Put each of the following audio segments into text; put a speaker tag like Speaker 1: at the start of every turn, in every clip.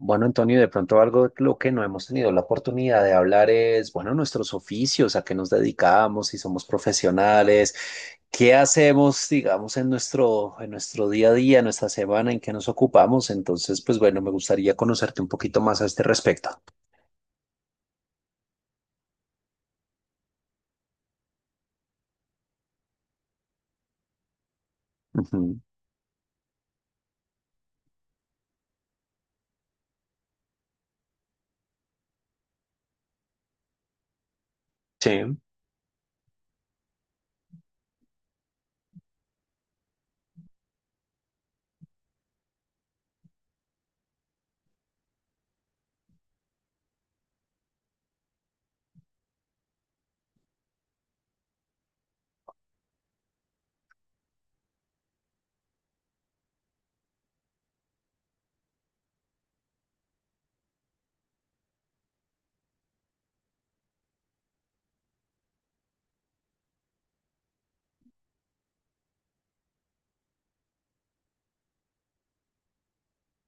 Speaker 1: Bueno, Antonio, de pronto algo de lo que no hemos tenido la oportunidad de hablar es, bueno, nuestros oficios, a qué nos dedicamos, si somos profesionales, qué hacemos, digamos, en nuestro día a día, en nuestra semana, en qué nos ocupamos. Entonces, pues bueno, me gustaría conocerte un poquito más a este respecto. Ujú. Sí.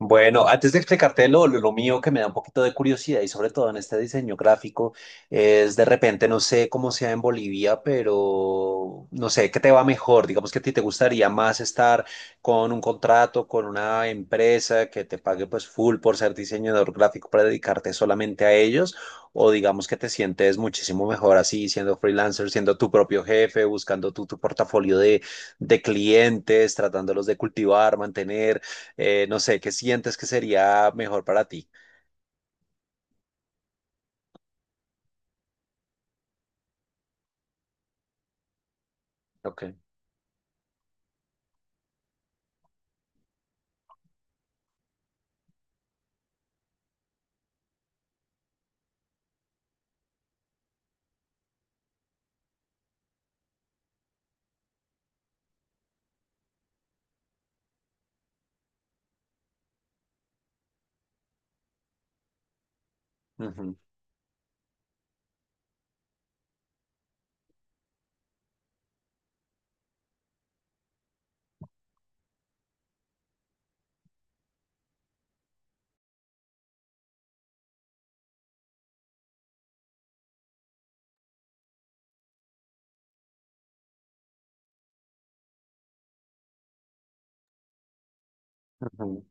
Speaker 1: Bueno, antes de explicarte lo mío que me da un poquito de curiosidad y sobre todo en este diseño gráfico, es de repente, no sé cómo sea en Bolivia, pero no sé, ¿qué te va mejor? Digamos que a ti te gustaría más estar con un contrato, con una empresa que te pague pues full por ser diseñador gráfico para dedicarte solamente a ellos, o digamos que te sientes muchísimo mejor así, siendo freelancer, siendo tu propio jefe, buscando tu portafolio de clientes, tratándolos de cultivar, mantener. No sé, ¿qué sientes que sería mejor para ti? Ok. Ujú, ujú,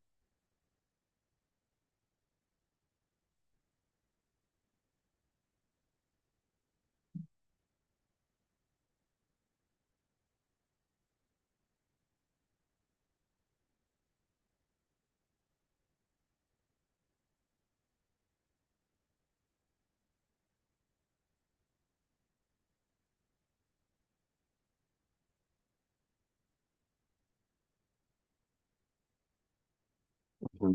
Speaker 1: ujú.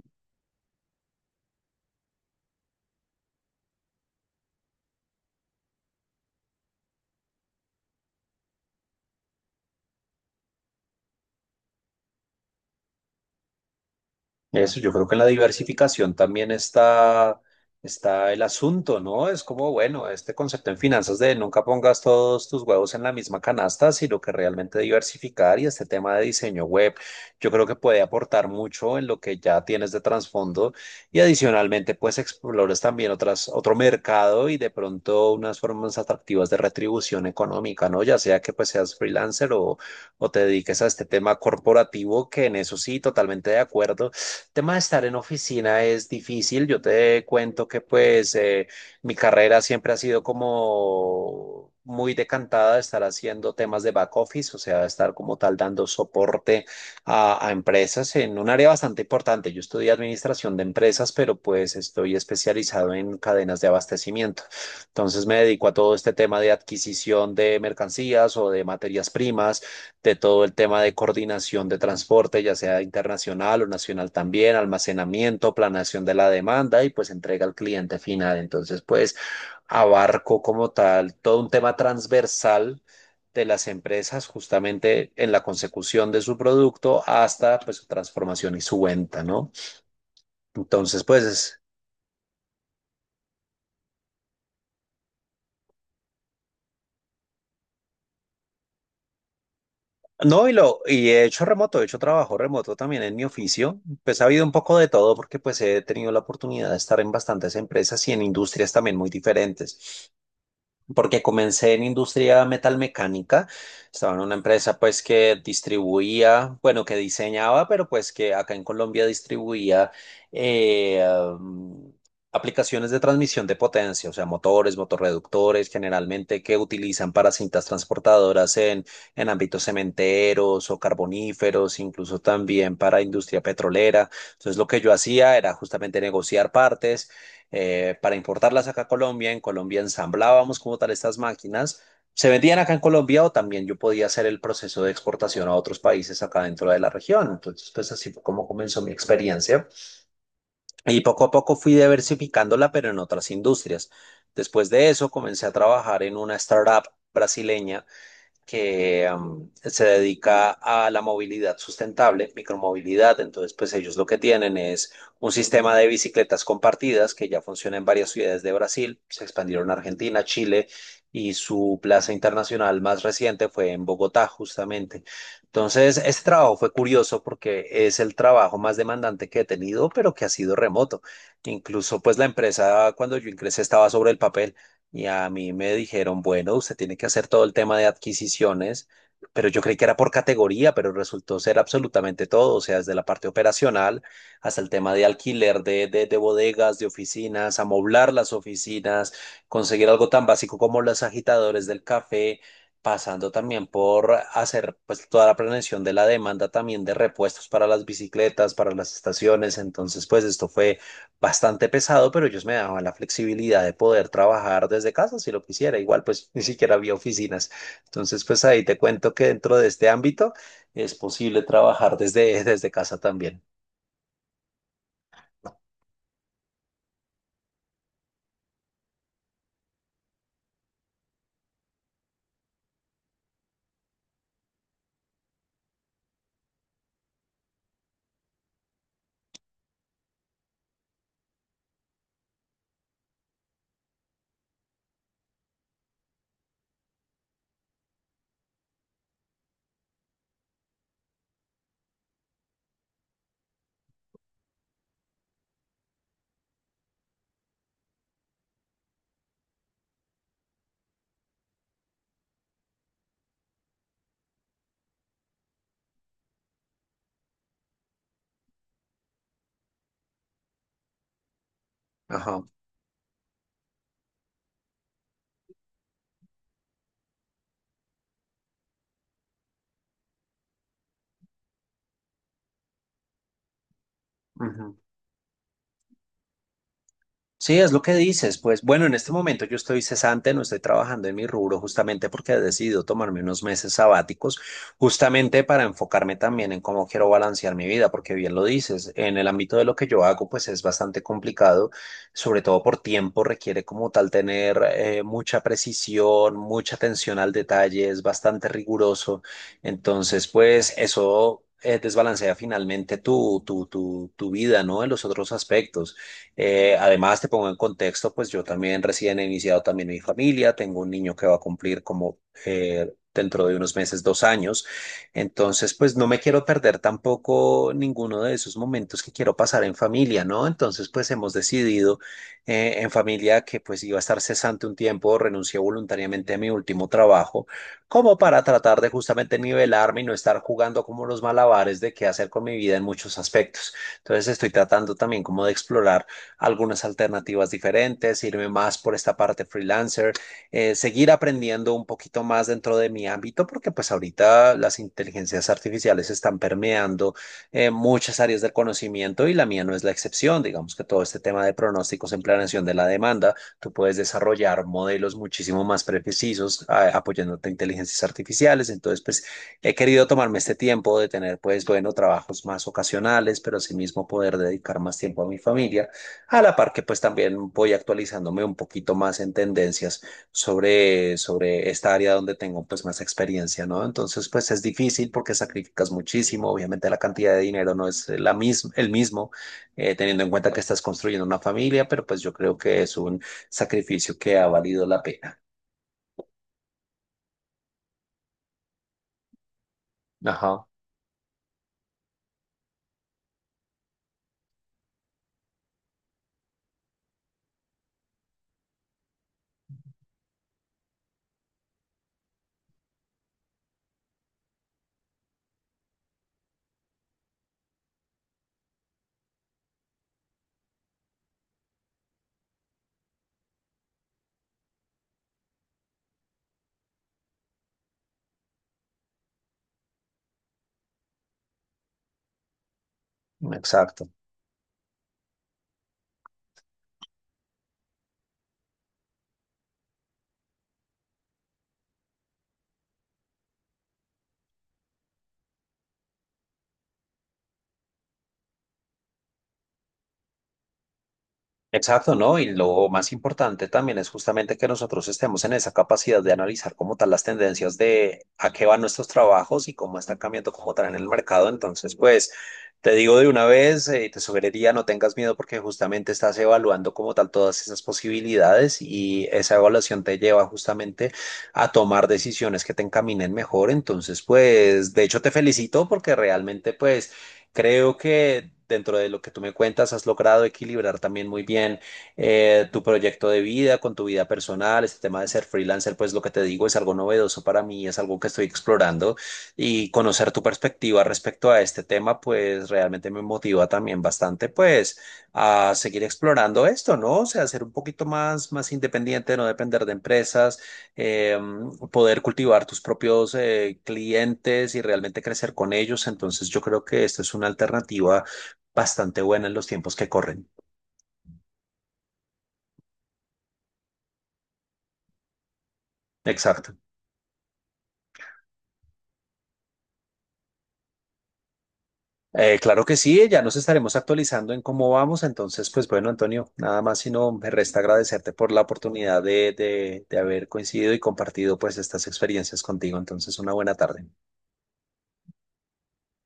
Speaker 1: Eso, yo creo que en la diversificación también está el asunto, ¿no? Es como, bueno, este concepto en finanzas de nunca pongas todos tus huevos en la misma canasta, sino que realmente diversificar y este tema de diseño web, yo creo que puede aportar mucho en lo que ya tienes de trasfondo y adicionalmente, pues explores también otras, otro mercado y de pronto unas formas atractivas de retribución económica, ¿no? Ya sea que pues seas freelancer o te dediques a este tema corporativo, que en eso sí, totalmente de acuerdo tema de estar en oficina es difícil. Yo te cuento que pues mi carrera siempre ha sido como muy decantada de estar haciendo temas de back office, o sea, estar como tal dando soporte a empresas en un área bastante importante. Yo estudié administración de empresas, pero pues estoy especializado en cadenas de abastecimiento. Entonces me dedico a todo este tema de adquisición de mercancías o de materias primas de todo el tema de coordinación de transporte, ya sea internacional o nacional también, almacenamiento, planación de la demanda y pues entrega al cliente final. Entonces, pues abarco como tal todo un tema transversal de las empresas justamente en la consecución de su producto hasta pues su transformación y su venta, ¿no? Entonces, pues no, y, lo, y he hecho remoto, he hecho trabajo remoto también en mi oficio. Pues ha habido un poco de todo porque pues he tenido la oportunidad de estar en bastantes empresas y en industrias también muy diferentes porque comencé en industria metalmecánica, estaba en una empresa pues que distribuía, bueno, que diseñaba, pero pues que acá en Colombia distribuía eh, um, aplicaciones de transmisión de potencia, o sea, motores, motorreductores, generalmente que utilizan para cintas transportadoras en ámbitos cementeros o carboníferos, incluso también para industria petrolera. Entonces, lo que yo hacía era justamente negociar partes para importarlas acá a Colombia. En Colombia ensamblábamos como tal estas máquinas. Se vendían acá en Colombia o también yo podía hacer el proceso de exportación a otros países acá dentro de la región. Entonces, pues así fue como comenzó mi experiencia. Y poco a poco fui diversificándola, pero en otras industrias. Después de eso, comencé a trabajar en una startup brasileña que se dedica a la movilidad sustentable, micromovilidad. Entonces, pues ellos lo que tienen es un sistema de bicicletas compartidas que ya funciona en varias ciudades de Brasil, se expandieron a Argentina, Chile y su plaza internacional más reciente fue en Bogotá, justamente. Entonces, este trabajo fue curioso porque es el trabajo más demandante que he tenido, pero que ha sido remoto. Incluso, pues la empresa cuando yo ingresé estaba sobre el papel. Y a mí me dijeron, bueno, usted tiene que hacer todo el tema de adquisiciones, pero yo creí que era por categoría, pero resultó ser absolutamente todo, o sea, desde la parte operacional hasta el tema de alquiler de bodegas, de oficinas, amoblar las oficinas, conseguir algo tan básico como los agitadores del café, pasando también por hacer pues toda la planeación de la demanda también de repuestos para las bicicletas, para las estaciones. Entonces, pues esto fue bastante pesado, pero ellos me daban la flexibilidad de poder trabajar desde casa si lo quisiera. Igual, pues ni siquiera había oficinas. Entonces, pues ahí te cuento que dentro de este ámbito es posible trabajar desde, desde casa también. Ajá. Ujú. Sí, es lo que dices. Pues bueno, en este momento yo estoy cesante, no estoy trabajando en mi rubro justamente porque he decidido tomarme unos meses sabáticos, justamente para enfocarme también en cómo quiero balancear mi vida, porque bien lo dices, en el ámbito de lo que yo hago, pues es bastante complicado, sobre todo por tiempo, requiere como tal tener mucha precisión, mucha atención al detalle, es bastante riguroso. Entonces, pues eso... desbalancea finalmente tu vida, ¿no? En los otros aspectos. Además, te pongo en contexto, pues yo también recién he iniciado también mi familia, tengo un niño que va a cumplir como dentro de unos meses, dos años, entonces pues no me quiero perder tampoco ninguno de esos momentos que quiero pasar en familia, ¿no? Entonces pues hemos decidido en familia que pues iba a estar cesante un tiempo, renuncié voluntariamente a mi último trabajo, como para tratar de justamente nivelarme y no estar jugando como los malabares de qué hacer con mi vida en muchos aspectos. Entonces estoy tratando también como de explorar algunas alternativas diferentes, irme más por esta parte freelancer, seguir aprendiendo un poquito más dentro de mi ámbito, porque pues ahorita las inteligencias artificiales están permeando muchas áreas del conocimiento y la mía no es la excepción. Digamos que todo este tema de pronósticos en planeación de la demanda, tú puedes desarrollar modelos muchísimo más precisos apoyándote a inteligencias artificiales. Entonces, pues he querido tomarme este tiempo de tener, pues, bueno, trabajos más ocasionales, pero asimismo poder dedicar más tiempo a mi familia a la par que pues también voy actualizándome un poquito más en tendencias sobre, sobre esta área donde tengo pues más experiencia, ¿no? Entonces pues es difícil porque sacrificas muchísimo, obviamente la cantidad de dinero no es la misma, el mismo, teniendo en cuenta que estás construyendo una familia, pero pues yo creo que es un sacrificio que ha valido la pena. Ajá, exacto. Exacto, ¿no? Y lo más importante también es justamente que nosotros estemos en esa capacidad de analizar como tal las tendencias de a qué van nuestros trabajos y cómo están cambiando como tal en el mercado. Entonces, pues te digo de una vez, te sugeriría no tengas miedo porque justamente estás evaluando como tal todas esas posibilidades y esa evaluación te lleva justamente a tomar decisiones que te encaminen mejor. Entonces, pues de hecho te felicito porque realmente pues... Creo que dentro de lo que tú me cuentas, has logrado equilibrar también muy bien tu proyecto de vida con tu vida personal. Este tema de ser freelancer, pues lo que te digo es algo novedoso para mí, es algo que estoy explorando y conocer tu perspectiva respecto a este tema, pues realmente me motiva también bastante, pues a seguir explorando esto, ¿no? O sea, ser un poquito más, más independiente, no depender de empresas eh, poder cultivar tus propios clientes y realmente crecer con ellos. Entonces yo creo que esta es una alternativa bastante buena en los tiempos que corren. Exacto. Claro que sí, ya nos estaremos actualizando en cómo vamos. Entonces, pues bueno, Antonio, nada más sino me resta agradecerte por la oportunidad de haber coincidido y compartido pues estas experiencias contigo. Entonces, una buena tarde.